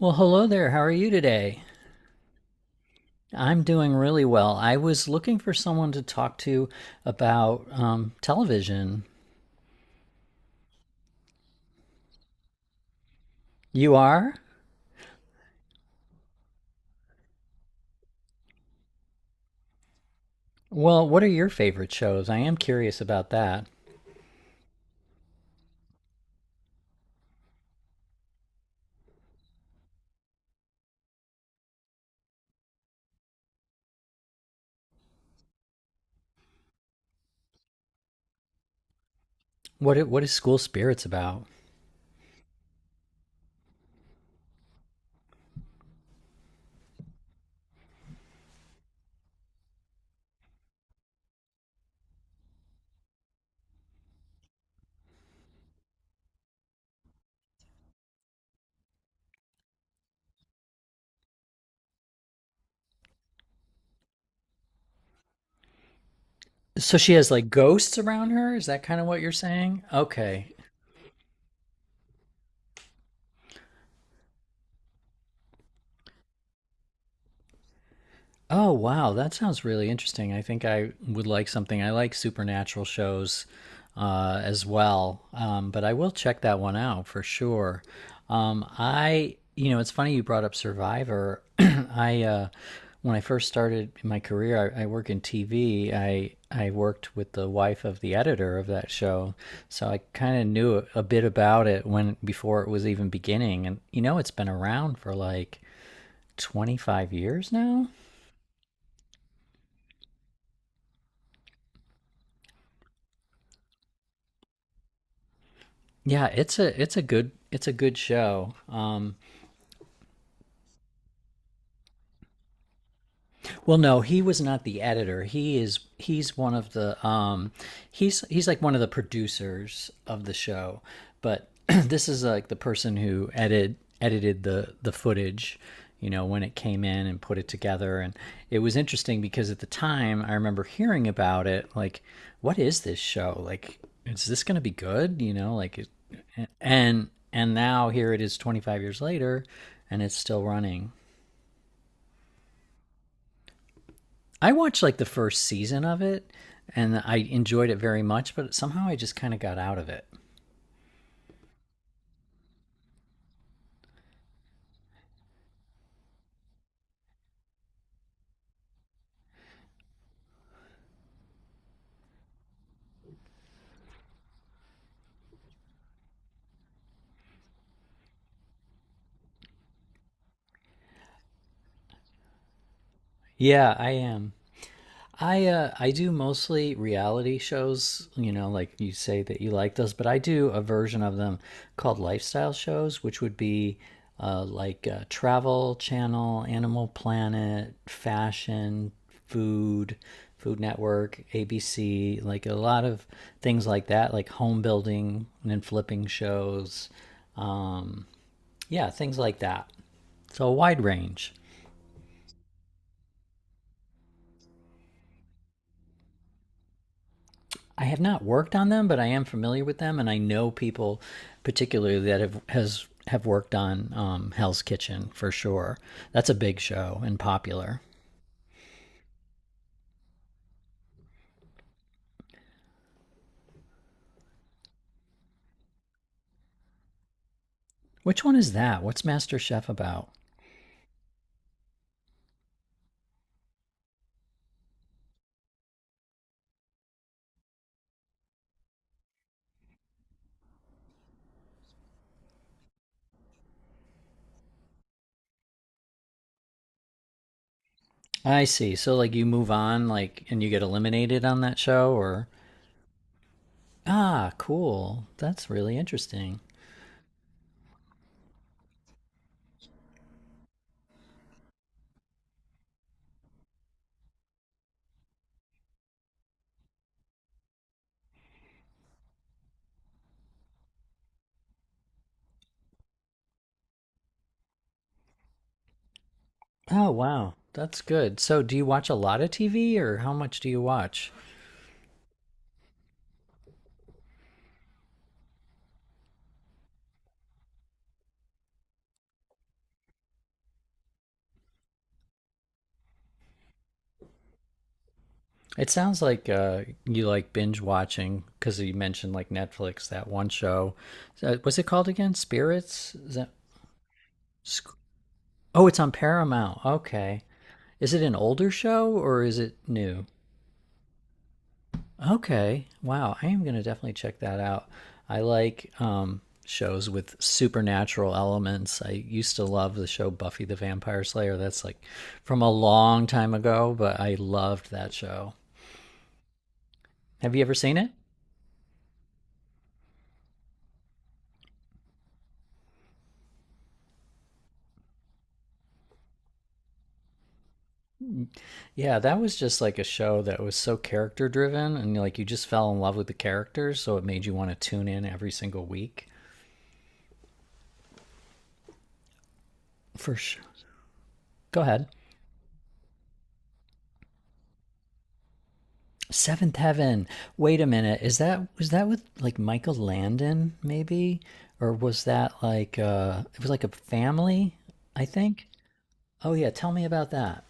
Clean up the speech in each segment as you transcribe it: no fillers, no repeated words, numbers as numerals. Well, hello there. How are you today? I'm doing really well. I was looking for someone to talk to about television. You are? Well, what are your favorite shows? I am curious about that. What is School Spirits about? So she has like ghosts around her? Is that kind of what you're saying? Okay. Oh, wow. That sounds really interesting. I think I would like something. I like supernatural shows as well, but I will check that one out for sure. I, it's funny you brought up Survivor. When I first started my career, I work in TV. I worked with the wife of the editor of that show, so I kind of knew a bit about it when before it was even beginning. And you know, it's been around for like 25 years now. Yeah, it's a good show. Well, no, he was not the editor. He's one of the he's like one of the producers of the show, but this is like the person who edited the footage, you know, when it came in and put it together, and it was interesting because at the time I remember hearing about it like what is this show? Like is this going to be good, you know, like it, and now here it is 25 years later and it's still running. I watched like the first season of it and I enjoyed it very much, but somehow I just kind of got out of it. Yeah, I am. I do mostly reality shows, you know, like you say that you like those, but I do a version of them called lifestyle shows, which would be like Travel Channel, Animal Planet, fashion, food, Food Network, ABC, like a lot of things like that, like home building and flipping shows, um, yeah, things like that. So a wide range. I have not worked on them, but I am familiar with them, and I know people, particularly that have worked on Hell's Kitchen for sure. That's a big show and popular. Which one is that? What's Master Chef about? I see. So like you move on, like, and you get eliminated on that show, or ah, cool. That's really interesting. Oh wow, that's good. So do you watch a lot of TV, or how much do you watch? It sounds like you like binge watching because you mentioned like Netflix that one show. What's it called again? Spirits? Is that? Oh, it's on Paramount. Okay. Is it an older show or is it new? Okay. Wow. I am gonna definitely check that out. I like shows with supernatural elements. I used to love the show Buffy the Vampire Slayer. That's like from a long time ago, but I loved that show. Have you ever seen it? Yeah, that was just like a show that was so character driven and like you just fell in love with the characters, so it made you want to tune in every single week. For sure. Go ahead. Seventh Heaven. Wait a minute. Is that, was that with like Michael Landon maybe? Or was that like it was like a family, I think? Oh yeah, tell me about that.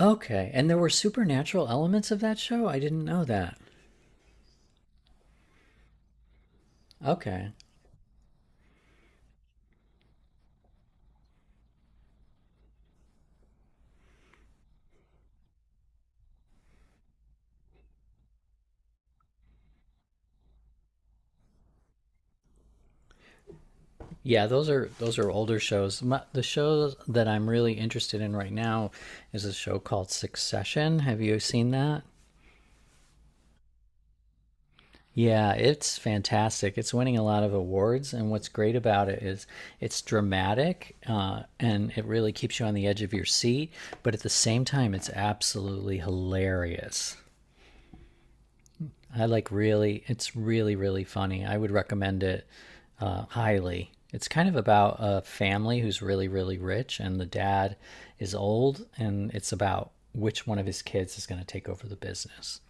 Okay. And there were supernatural elements of that show? I didn't know that. Okay. Yeah, those are older shows. My, the show that I'm really interested in right now is a show called Succession. Have you seen that? Yeah, it's fantastic. It's winning a lot of awards, and what's great about it is it's dramatic and it really keeps you on the edge of your seat. But at the same time, it's absolutely hilarious. I like really, it's really, really funny. I would recommend it highly. It's kind of about a family who's really, really rich, and the dad is old, and it's about which one of his kids is going to take over the business.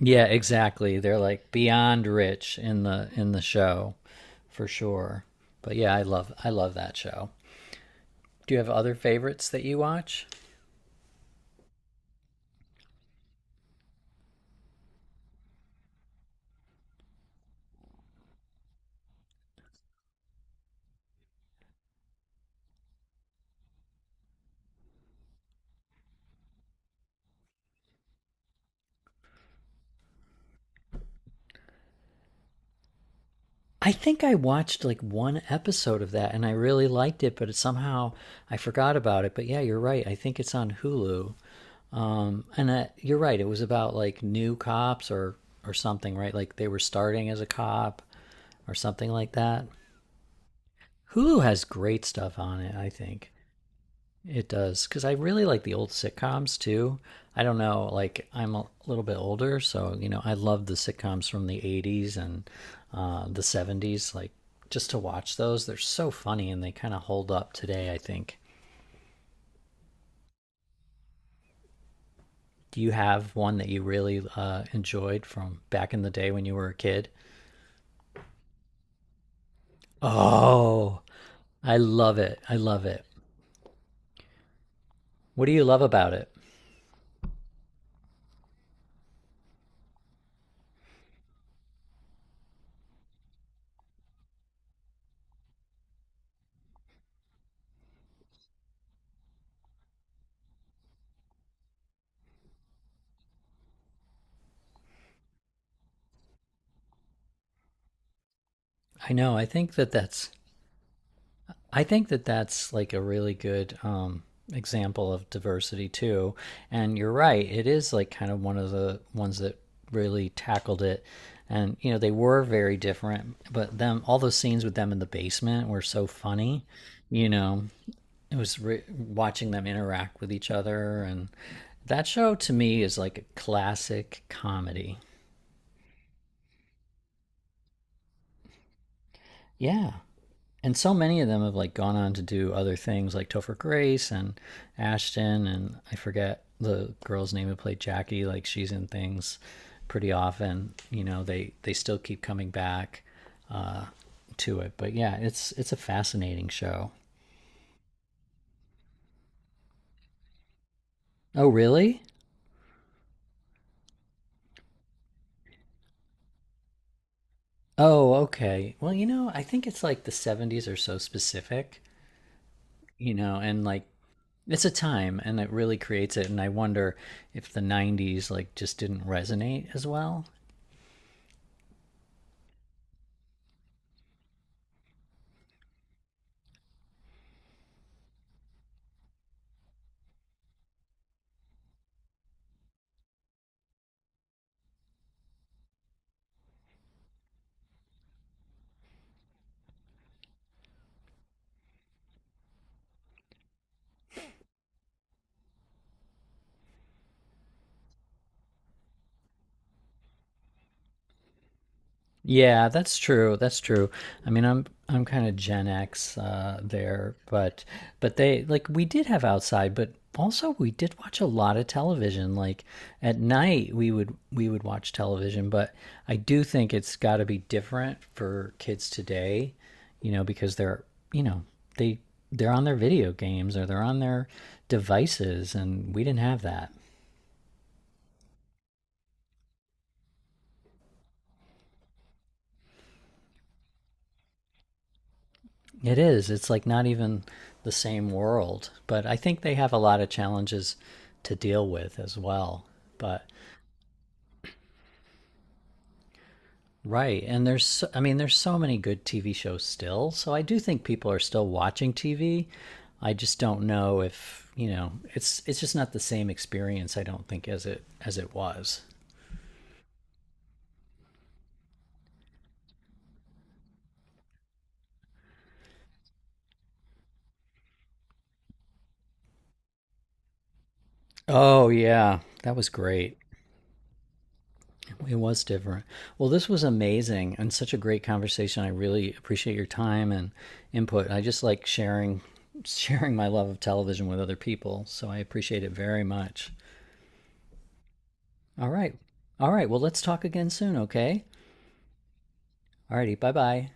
Yeah, exactly. They're like beyond rich in the show, for sure. But yeah, I love that show. Do you have other favorites that you watch? I think I watched like one episode of that and I really liked it, but it, somehow I forgot about it. But yeah, you're right. I think it's on Hulu. And you're right. It was about like new cops or something, right? Like they were starting as a cop or something like that. Hulu has great stuff on it, I think. It does because I really like the old sitcoms too. I don't know, like I'm a little bit older, so you know I love the sitcoms from the '80s and the '70s. Like just to watch those, they're so funny and they kind of hold up today. I think. Do you have one that you really enjoyed from back in the day when you were a kid? Oh, I love it. What do you love about it? I know. I think that that's like a really good example of diversity too. And you're right; it is like kind of one of the ones that really tackled it. And you know, they were very different, but them all those scenes with them in the basement were so funny. You know, it was watching them interact with each other, and that show to me is like a classic comedy. Yeah, and so many of them have like gone on to do other things like Topher Grace and Ashton, and I forget the girl's name who played Jackie. Like, she's in things pretty often. You know, they still keep coming back uh to it. But yeah, it's a fascinating show. Oh really. Oh okay, well, you know, I think it's like the '70s are so specific, you know, and like it's a time and it really creates it, and I wonder if the '90s like just didn't resonate as well. Yeah, that's true. That's true. I'm kind of Gen X there, but they like we did have outside, but also we did watch a lot of television. Like at night, we would watch television, but I do think it's got to be different for kids today, you know, because they're you know they they're on their video games or they're on their devices, and we didn't have that. It is. It's like not even the same world. But I think they have a lot of challenges to deal with as well. But right, and I mean there's so many good TV shows still. So I do think people are still watching TV. I just don't know if, you know, it's just not the same experience I don't think as it was. Oh yeah, that was great. It was different. Well, this was amazing and such a great conversation. I really appreciate your time and input. I just like sharing sharing my love of television with other people, so I appreciate it very much. All right. All right. Well, let's talk again soon, okay? All righty. Bye-bye.